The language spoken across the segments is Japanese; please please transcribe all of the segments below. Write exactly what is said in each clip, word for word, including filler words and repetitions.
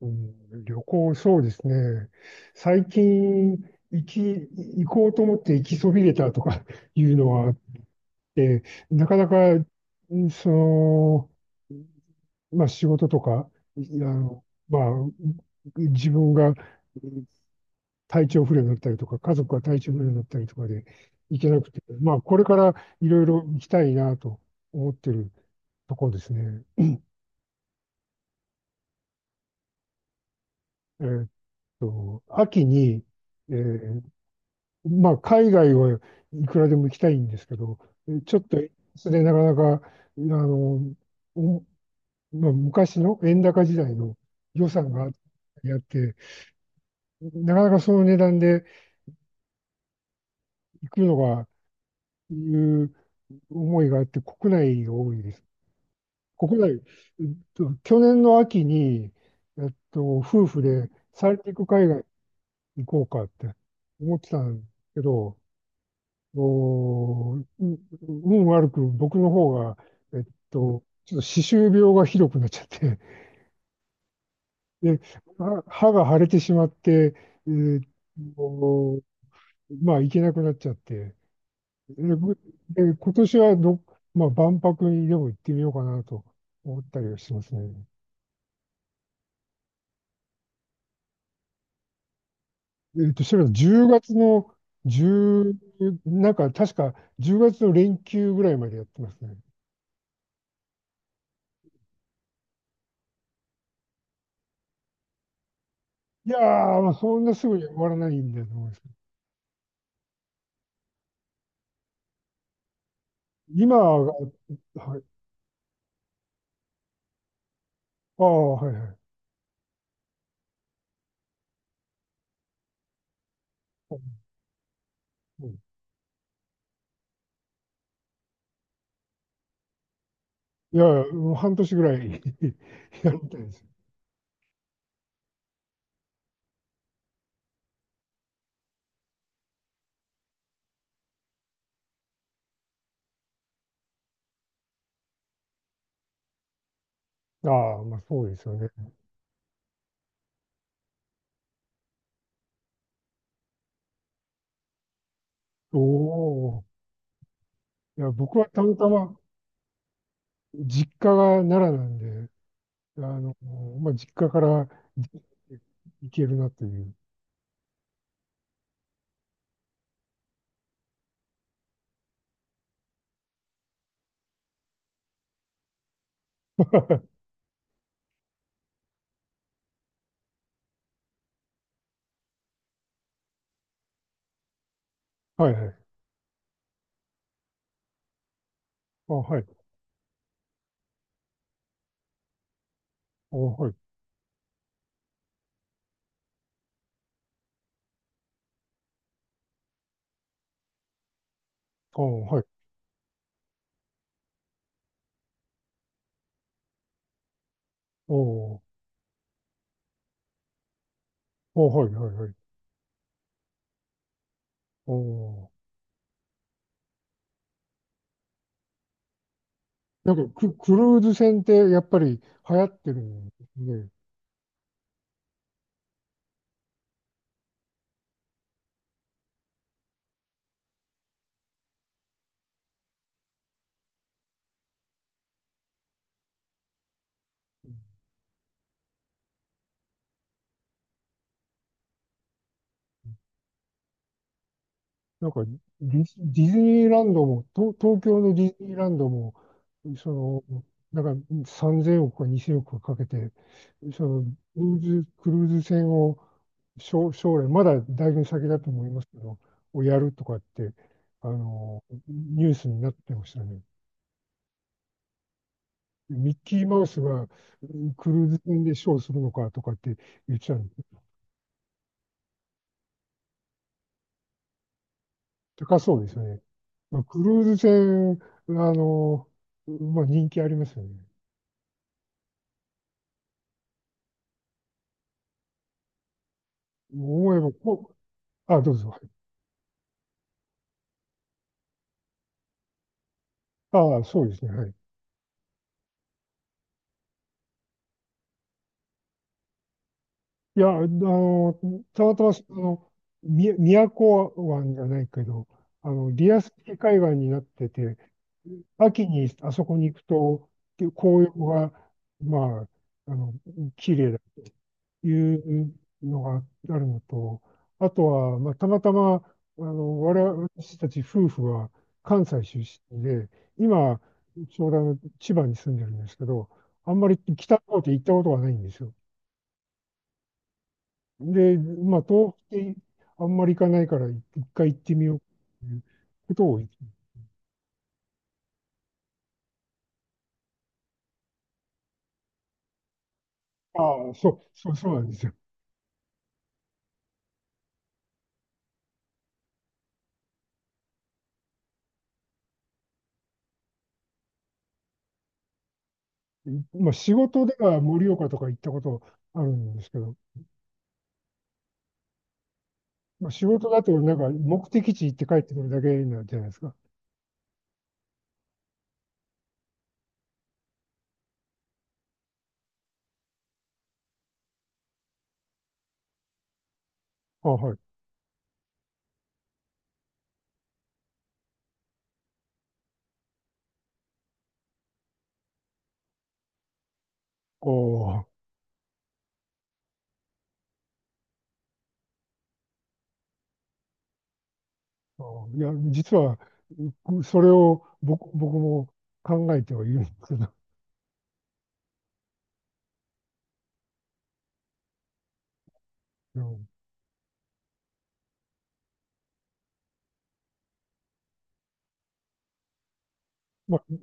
うん、旅行、そうですね。最近、行き、行こうと思って行きそびれたとか いうのはあって、なかなか、んその、まあ仕事とか、いあの、まあ、自分がうん体調不良になったりとか、家族が体調不良になったりとかで行けなくて、まあこれからいろいろ行きたいなと思ってるところですね。えーっと、秋に、えーまあ、海外はいくらでも行きたいんですけど、ちょっと、それなかなか、あの、おまあ、昔の円高時代の予算があって、なかなかその値段で行くのが、いう思いがあって、国内が多いです。国内、えっと、去年の秋に、えっと、夫婦で三陸海外行こうかって思ってたんですけど、おー、運悪く僕の方が、えっと、ちょっと歯周病がひどくなっちゃって、で、歯歯が腫れてしまって、えーっと、まあ、行けなくなっちゃって、で、ぶで今年はど、まあ、万博にでも行ってみようかなと思ったりはしますね。えっと、それはじゅうがつのじゅう、なんか確かじゅうがつの連休ぐらいまでやってますね。いやー、まあそんなすぐに終わらないんだと思いますけど。今、はい。ああ、はいはい。うん、いやいや、もう半年ぐらい やりたいです。ああ、まあそうですよね。おお。いや、僕はたまたま実家が奈良なんで、あの、まあ実家から行けるなっていう。はいはい。あ、はい。あ、はい。あ、はい。おーおーはいはいはい。おお。なんかク、クルーズ船ってやっぱり流行ってるんで、なんかディズ、ディズニーランドも、東東京のディズニーランドも、その、だからさんぜんおくかにせんおくかかけて、そのクルーズ、クルーズ船を将、将来、まだだいぶ先だと思いますけど、をやるとかって、あの、ニュースになってましたね。ミッキーマウスがクルーズ船でショーするのかとかって言ってたんで、高そうですよね。まあ、クルーズ船、あの、まあ人気ありますよね。思えば、こう、あ、どうぞ。はい。ああ、そうですね。はい。いや、あの、たまたま、あの、み、宮古湾じゃないけど、あの、リアス式海岸になってて、秋にあそこに行くと、紅葉が、まあ、あの、綺麗だというのがあるのと、あとは、まあ、たまたま、あの、我々、私たち夫婦は関西出身で、今、ちょうどあの千葉に住んでるんですけど、あんまり北の方って行ったことがないんですよ。で、まあ、東北ってあんまり行かないから、い一回行ってみようということを言って、ああ、そう、そう、そうなんですよ。いまあ、仕事では盛岡とか行ったことあるんですけど、まあ、仕事だとなんか目的地行って帰ってくるだけなんじゃないですか。あ、はい。おああいや、実は、うそれを僕、僕も考えてはいるんですけど、うんまあ、う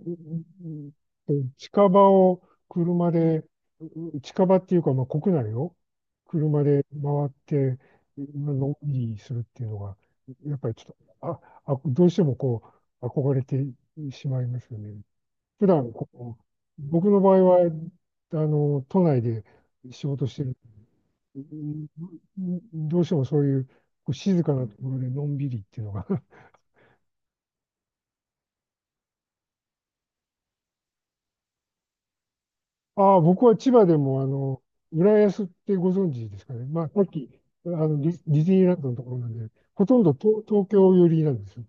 うう近場を車で、う近場っていうか、まあ、国内を、車で回って、のんびりするっていうのが、やっぱりちょっと、あ、あ、どうしてもこう、憧れてしまいますよね。普段こう、僕の場合は、あの、都内で仕事してる、うんどうしてもそういう、こう静かなところでのんびりっていうのが。ああ、僕は千葉でも、あの、浦安ってご存知ですかね。まあ、さっき、あの、ディディズニーランドのところなんで、ほとんど東東京寄りなんですよ。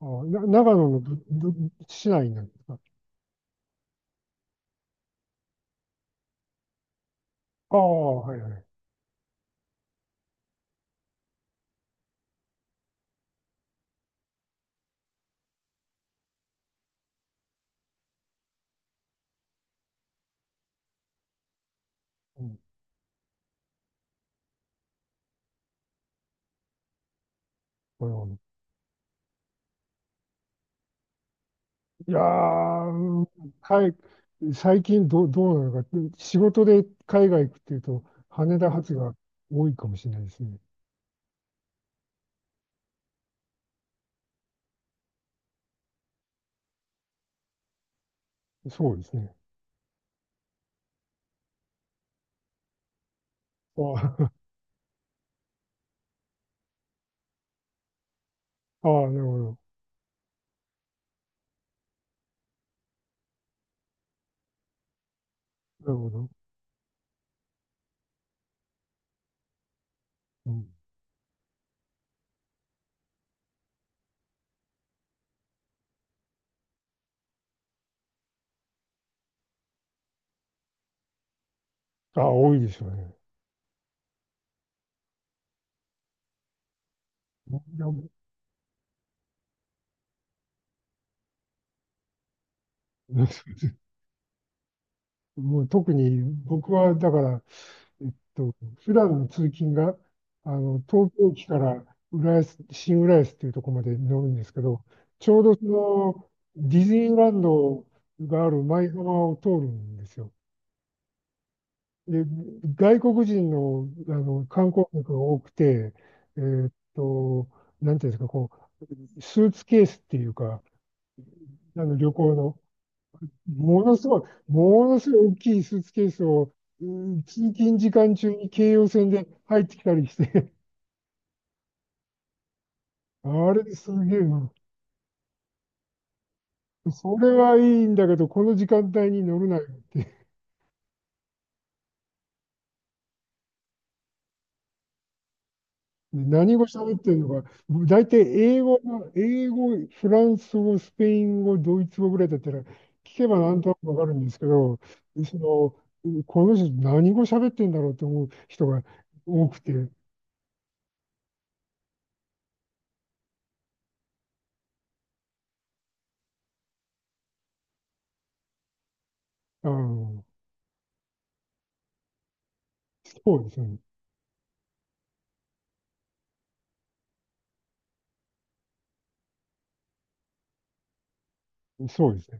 ああ、な、長野のど、ど、市内なんですか？ああ、はいはい。うん、なるほど。いやー、うんはい。最近どう、どうなのか、仕事で海外行くっていうと、羽田発が多いかもしれないですね。そうですね。あー あー、あなるほど。なるほど。うん、ああ、多いでしょうね。いやもう もう特に僕はだから、えっと、普段の通勤が、あの、東京駅から浦安、新浦安っていうところまで乗るんですけど、ちょうどその、ディズニーランドがある舞浜を通るんですよ。で、外国人の、あの観光客が多くて、えーっと、なんていうんですか、こう、スーツケースっていうか、あの旅行の、ものすごい、ものすごい大きいスーツケースを、うん通勤時間中に京葉線で入ってきたりしてあれすげえな。それはいいんだけど、この時間帯に乗るなよって。で何語喋ってるのか。大体英語が、英語、フランス語、スペイン語、ドイツ語ぐらいだったら、聞けばなんとなくわかるんですけど、その、この人何語喋ってんだろうと思う人が多くて、あの、そうですね。そうですね。